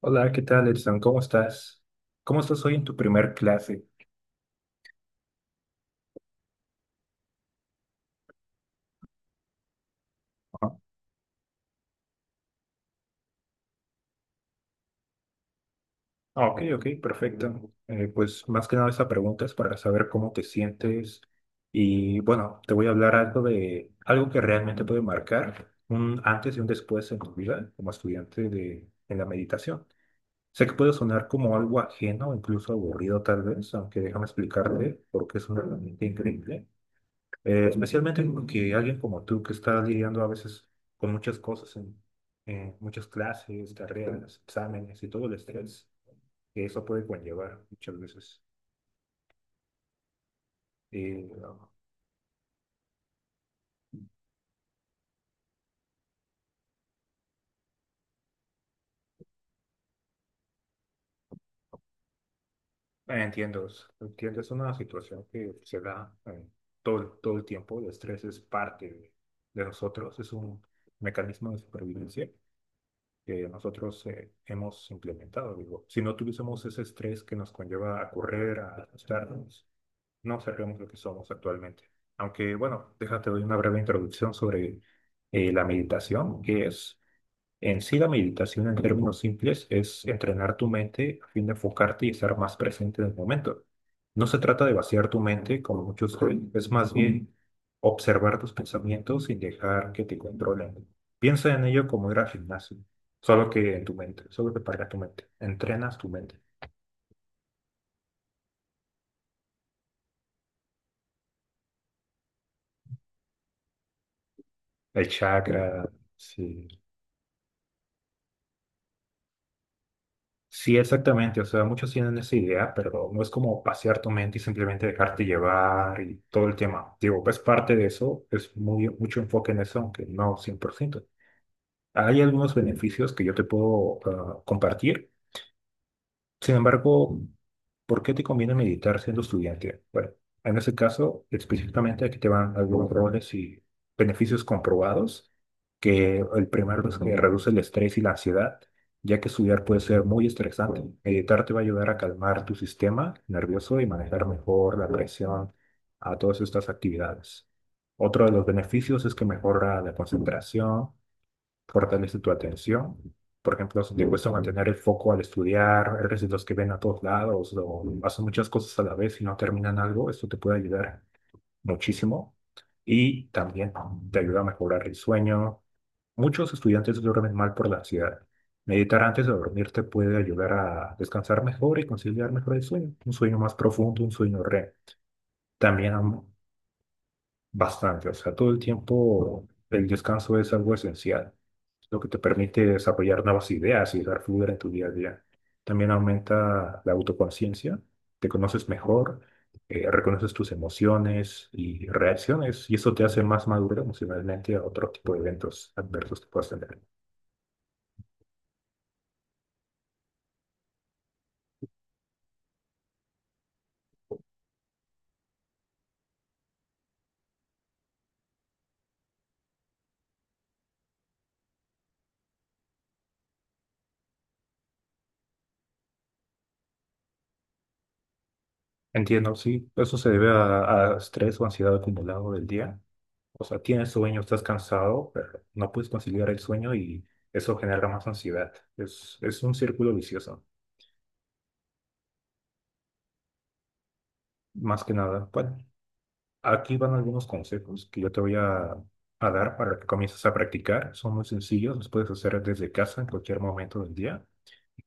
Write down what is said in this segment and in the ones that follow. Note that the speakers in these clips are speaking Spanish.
Hola, ¿qué tal, Edson? ¿Cómo estás? ¿Cómo estás hoy en tu primer clase? Ah, ok, ok, perfecto. Pues más que nada esa pregunta es para saber cómo te sientes y bueno, te voy a hablar algo de algo que realmente puede marcar un antes y un después en tu vida como estudiante de, en la meditación. Sé que puede sonar como algo ajeno, incluso aburrido tal vez, aunque déjame explicarte porque es una herramienta increíble. Especialmente que alguien como tú que está lidiando a veces con muchas cosas, en muchas clases, carreras, exámenes y todo el estrés que eso puede conllevar muchas veces. Y, ah, entiendo, entiendo, es una situación que se da todo el tiempo. El estrés es parte de nosotros, es un mecanismo de supervivencia que nosotros hemos implementado. Digo, si no tuviésemos ese estrés que nos conlleva a correr, a asustarnos, no seremos lo que somos actualmente. Aunque, bueno, déjate doy una breve introducción sobre la meditación, en sí la meditación en términos simples es entrenar tu mente a fin de enfocarte y estar más presente en el momento. No se trata de vaciar tu mente, como muchos creen, es más bien observar tus pensamientos sin dejar que te controlen. Piensa en ello como ir al gimnasio, solo que para tu mente. Entrenas tu mente. El chakra, sí. Sí, exactamente. O sea, muchos tienen esa idea, pero no es como pasear tu mente y simplemente dejarte llevar y todo el tema. Digo, es parte de eso, mucho enfoque en eso, aunque no 100%. Hay algunos beneficios que yo te puedo compartir, sin embargo, ¿por qué te conviene meditar siendo estudiante? Bueno, en ese caso, específicamente aquí te van algunos roles y beneficios comprobados, que el primero es que reduce el estrés y la ansiedad, ya que estudiar puede ser muy estresante. Meditar te va a ayudar a calmar tu sistema nervioso y manejar mejor la presión a todas estas actividades. Otro de los beneficios es que mejora la concentración, fortalece tu atención. Por ejemplo, si te cuesta mantener el foco al estudiar, eres de los que ven a todos lados o hacen muchas cosas a la vez y no terminan algo, esto te puede ayudar muchísimo, y también te ayuda a mejorar el sueño. Muchos estudiantes duermen mal por la ansiedad. Meditar antes de dormir te puede ayudar a descansar mejor y conciliar mejor el sueño, un sueño más profundo, un sueño REM. También am- Bastante, o sea, todo el tiempo el descanso es algo esencial, lo que te permite desarrollar nuevas ideas y dar fluidez en tu día a día. También aumenta la autoconciencia, te conoces mejor, reconoces tus emociones y reacciones, y eso te hace más maduro emocionalmente a otro tipo de eventos adversos que puedas tener. Entiendo, sí, eso se debe a estrés o ansiedad acumulado del día. O sea, tienes sueño, estás cansado, pero no puedes conciliar el sueño y eso genera más ansiedad. Es un círculo vicioso, más que nada. Bueno, aquí van algunos consejos que yo a dar para que comiences a practicar. Son muy sencillos, los puedes hacer desde casa en cualquier momento del día,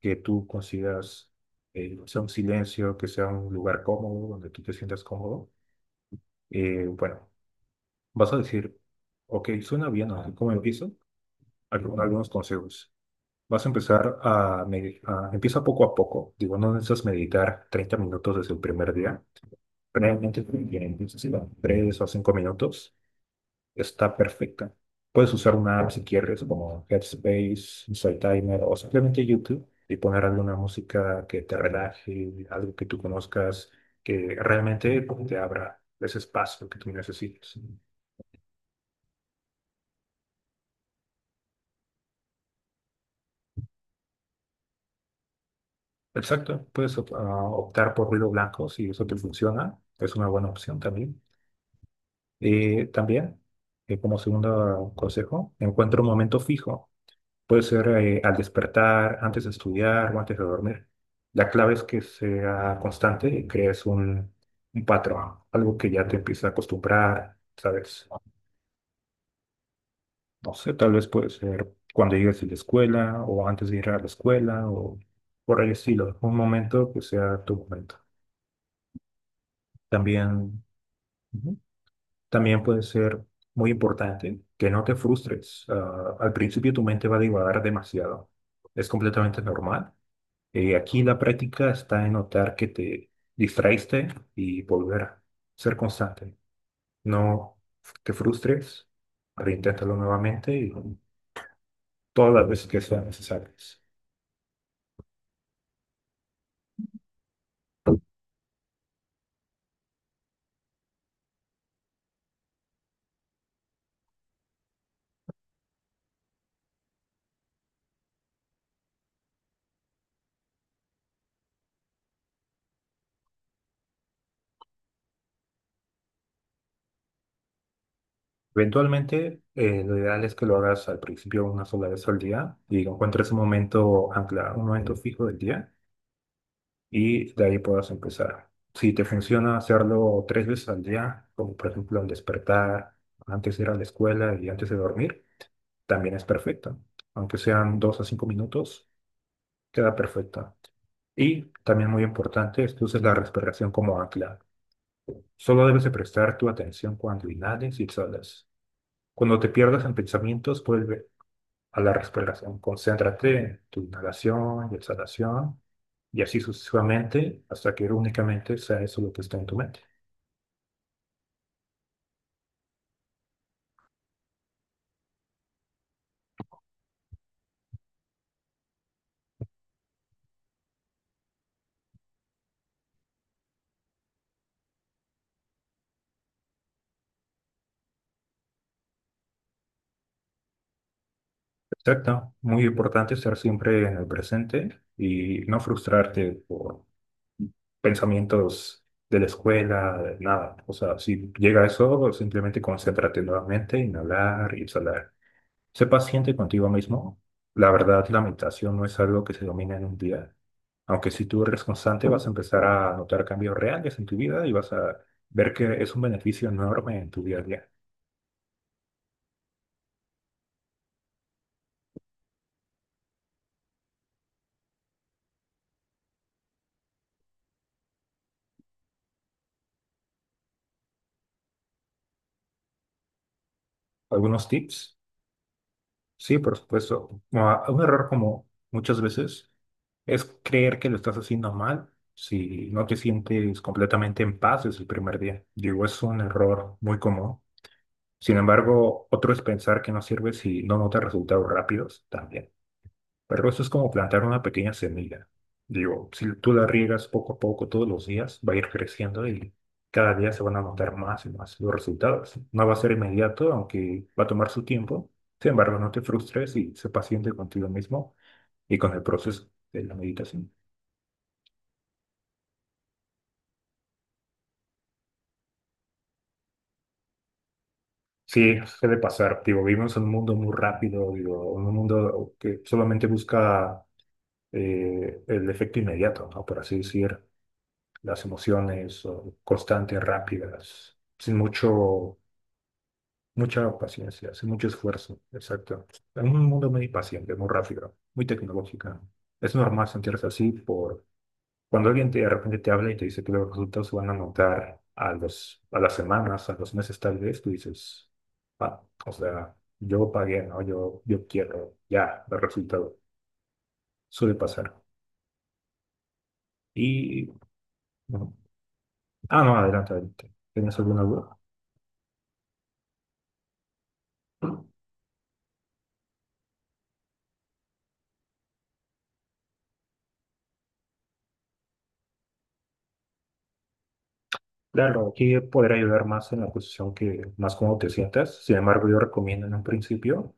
que tú consigas, sea un silencio, que sea un lugar cómodo, donde tú te sientas cómodo. Bueno, vas a decir, ok, suena bien, ¿no? ¿Cómo empiezo? Algunos consejos. Vas a empieza poco a poco. Digo, no necesitas meditar 30 minutos desde el primer día. Realmente, empiezas a 3 o 5 minutos. Está perfecta. Puedes usar una app si quieres, como Headspace, Insight Timer o simplemente YouTube y poner alguna música que te relaje, algo que tú conozcas, que realmente te abra ese espacio que tú necesitas. Exacto, puedes optar por ruido blanco si eso te funciona. Es una buena opción también. Y también, como segundo consejo, encuentra un momento fijo. Puede ser al despertar, antes de estudiar o antes de dormir. La clave es que sea constante y crees un patrón, algo que ya te empieza a acostumbrar, ¿sabes? No sé, tal vez puede ser cuando llegues de la escuela o antes de ir a la escuela o por el estilo. Un momento que sea tu momento. También. Ujú. También puede ser muy importante que no te frustres. Ah, al principio tu mente va a divagar demasiado. Es completamente normal. Aquí la práctica está en notar que te distraíste y volver a ser constante. No te frustres, reinténtalo nuevamente y todas las veces que sean necesarias. Eventualmente, lo ideal es que lo hagas al principio una sola vez al día y encuentres un momento anclado, un momento fijo del día y de ahí puedas empezar. Si te funciona hacerlo tres veces al día, como por ejemplo al despertar, antes de ir a la escuela y antes de dormir, también es perfecto. Aunque sean 2 a 5 minutos, queda perfecta. Y también muy importante es que uses la respiración como ancla. Solo debes de prestar tu atención cuando inhales y exhalas. Cuando te pierdas en pensamientos, vuelve a la respiración. Concéntrate en tu inhalación y exhalación y así sucesivamente hasta que únicamente sea eso lo que está en tu mente. Exacto. Muy importante estar siempre en el presente y no frustrarte por pensamientos de la escuela, de nada. O sea, si llega eso, simplemente concéntrate nuevamente, inhalar y exhalar. Sé paciente contigo mismo. La verdad, la meditación no es algo que se domina en un día. Aunque si tú eres constante, vas a empezar a notar cambios reales en tu vida y vas a ver que es un beneficio enorme en tu día a día. ¿Algunos tips? Sí, por supuesto. Ah, un error como muchas veces es creer que lo estás haciendo mal si no te sientes completamente en paz desde el primer día. Digo, es un error muy común. Sin embargo, otro es pensar que no sirve si no notas resultados rápidos también. Pero eso es como plantar una pequeña semilla. Digo, si tú la riegas poco a poco todos los días, va a ir creciendo y cada día se van a notar más y más los resultados. No va a ser inmediato, aunque va a tomar su tiempo. Sin embargo, no te frustres y sé paciente contigo mismo y con el proceso de la meditación. Sí, suele pasar. Digo, vivimos en un mundo muy rápido, digo, en un mundo que solamente busca el efecto inmediato, ¿no? Por así decir. Las emociones o constantes, rápidas, sin mucho, mucha paciencia, sin mucho esfuerzo. Exacto. En un mundo muy paciente, muy rápido, muy tecnológico. Es normal sentirse así por cuando alguien de repente te habla y te dice que los resultados se van a notar a las semanas, a los meses tal vez, tú dices: "Ah, o sea, yo pagué, ¿no? Yo quiero ya el resultado". Suele pasar. Y, bueno. Ah, no, adelante. ¿Tienes alguna duda? Claro, aquí poder ayudar más en la posición que más cómodo te sientas. Sin embargo, yo recomiendo en un principio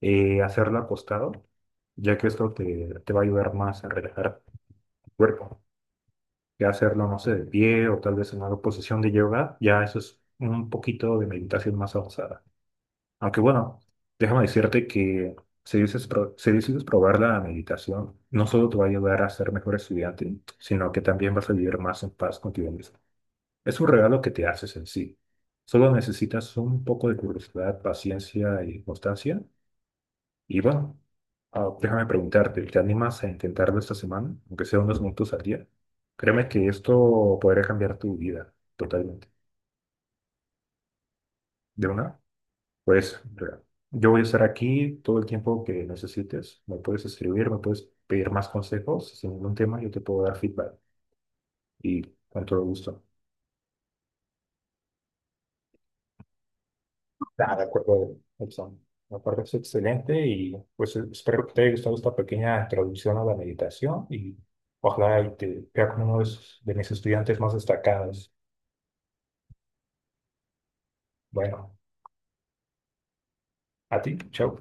hacerlo acostado, ya que te va a ayudar más a relajar el cuerpo. Ya hacerlo, no sé, de pie o tal vez en una posición de yoga, ya eso es un poquito de meditación más avanzada. Aunque bueno, déjame decirte que si decides probar la meditación, no solo te va a ayudar a ser mejor estudiante, sino que también vas a vivir más en paz contigo mismo. Es un regalo que te haces en sí. Solo necesitas un poco de curiosidad, paciencia y constancia. Y bueno, déjame preguntarte, ¿te animas a intentarlo esta semana, aunque sea unos minutos al día? Créeme que esto podría cambiar tu vida totalmente. ¿De una? Pues mira, yo voy a estar aquí todo el tiempo que necesites. Me puedes escribir, me puedes pedir más consejos. Si sin ningún tema, yo te puedo dar feedback. Y con todo gusto. Nada, de acuerdo, Edson. Me parece excelente y pues espero que te haya gustado esta pequeña introducción a la meditación y ojalá y te vea como de mis estudiantes más destacados. Bueno, a ti, chao.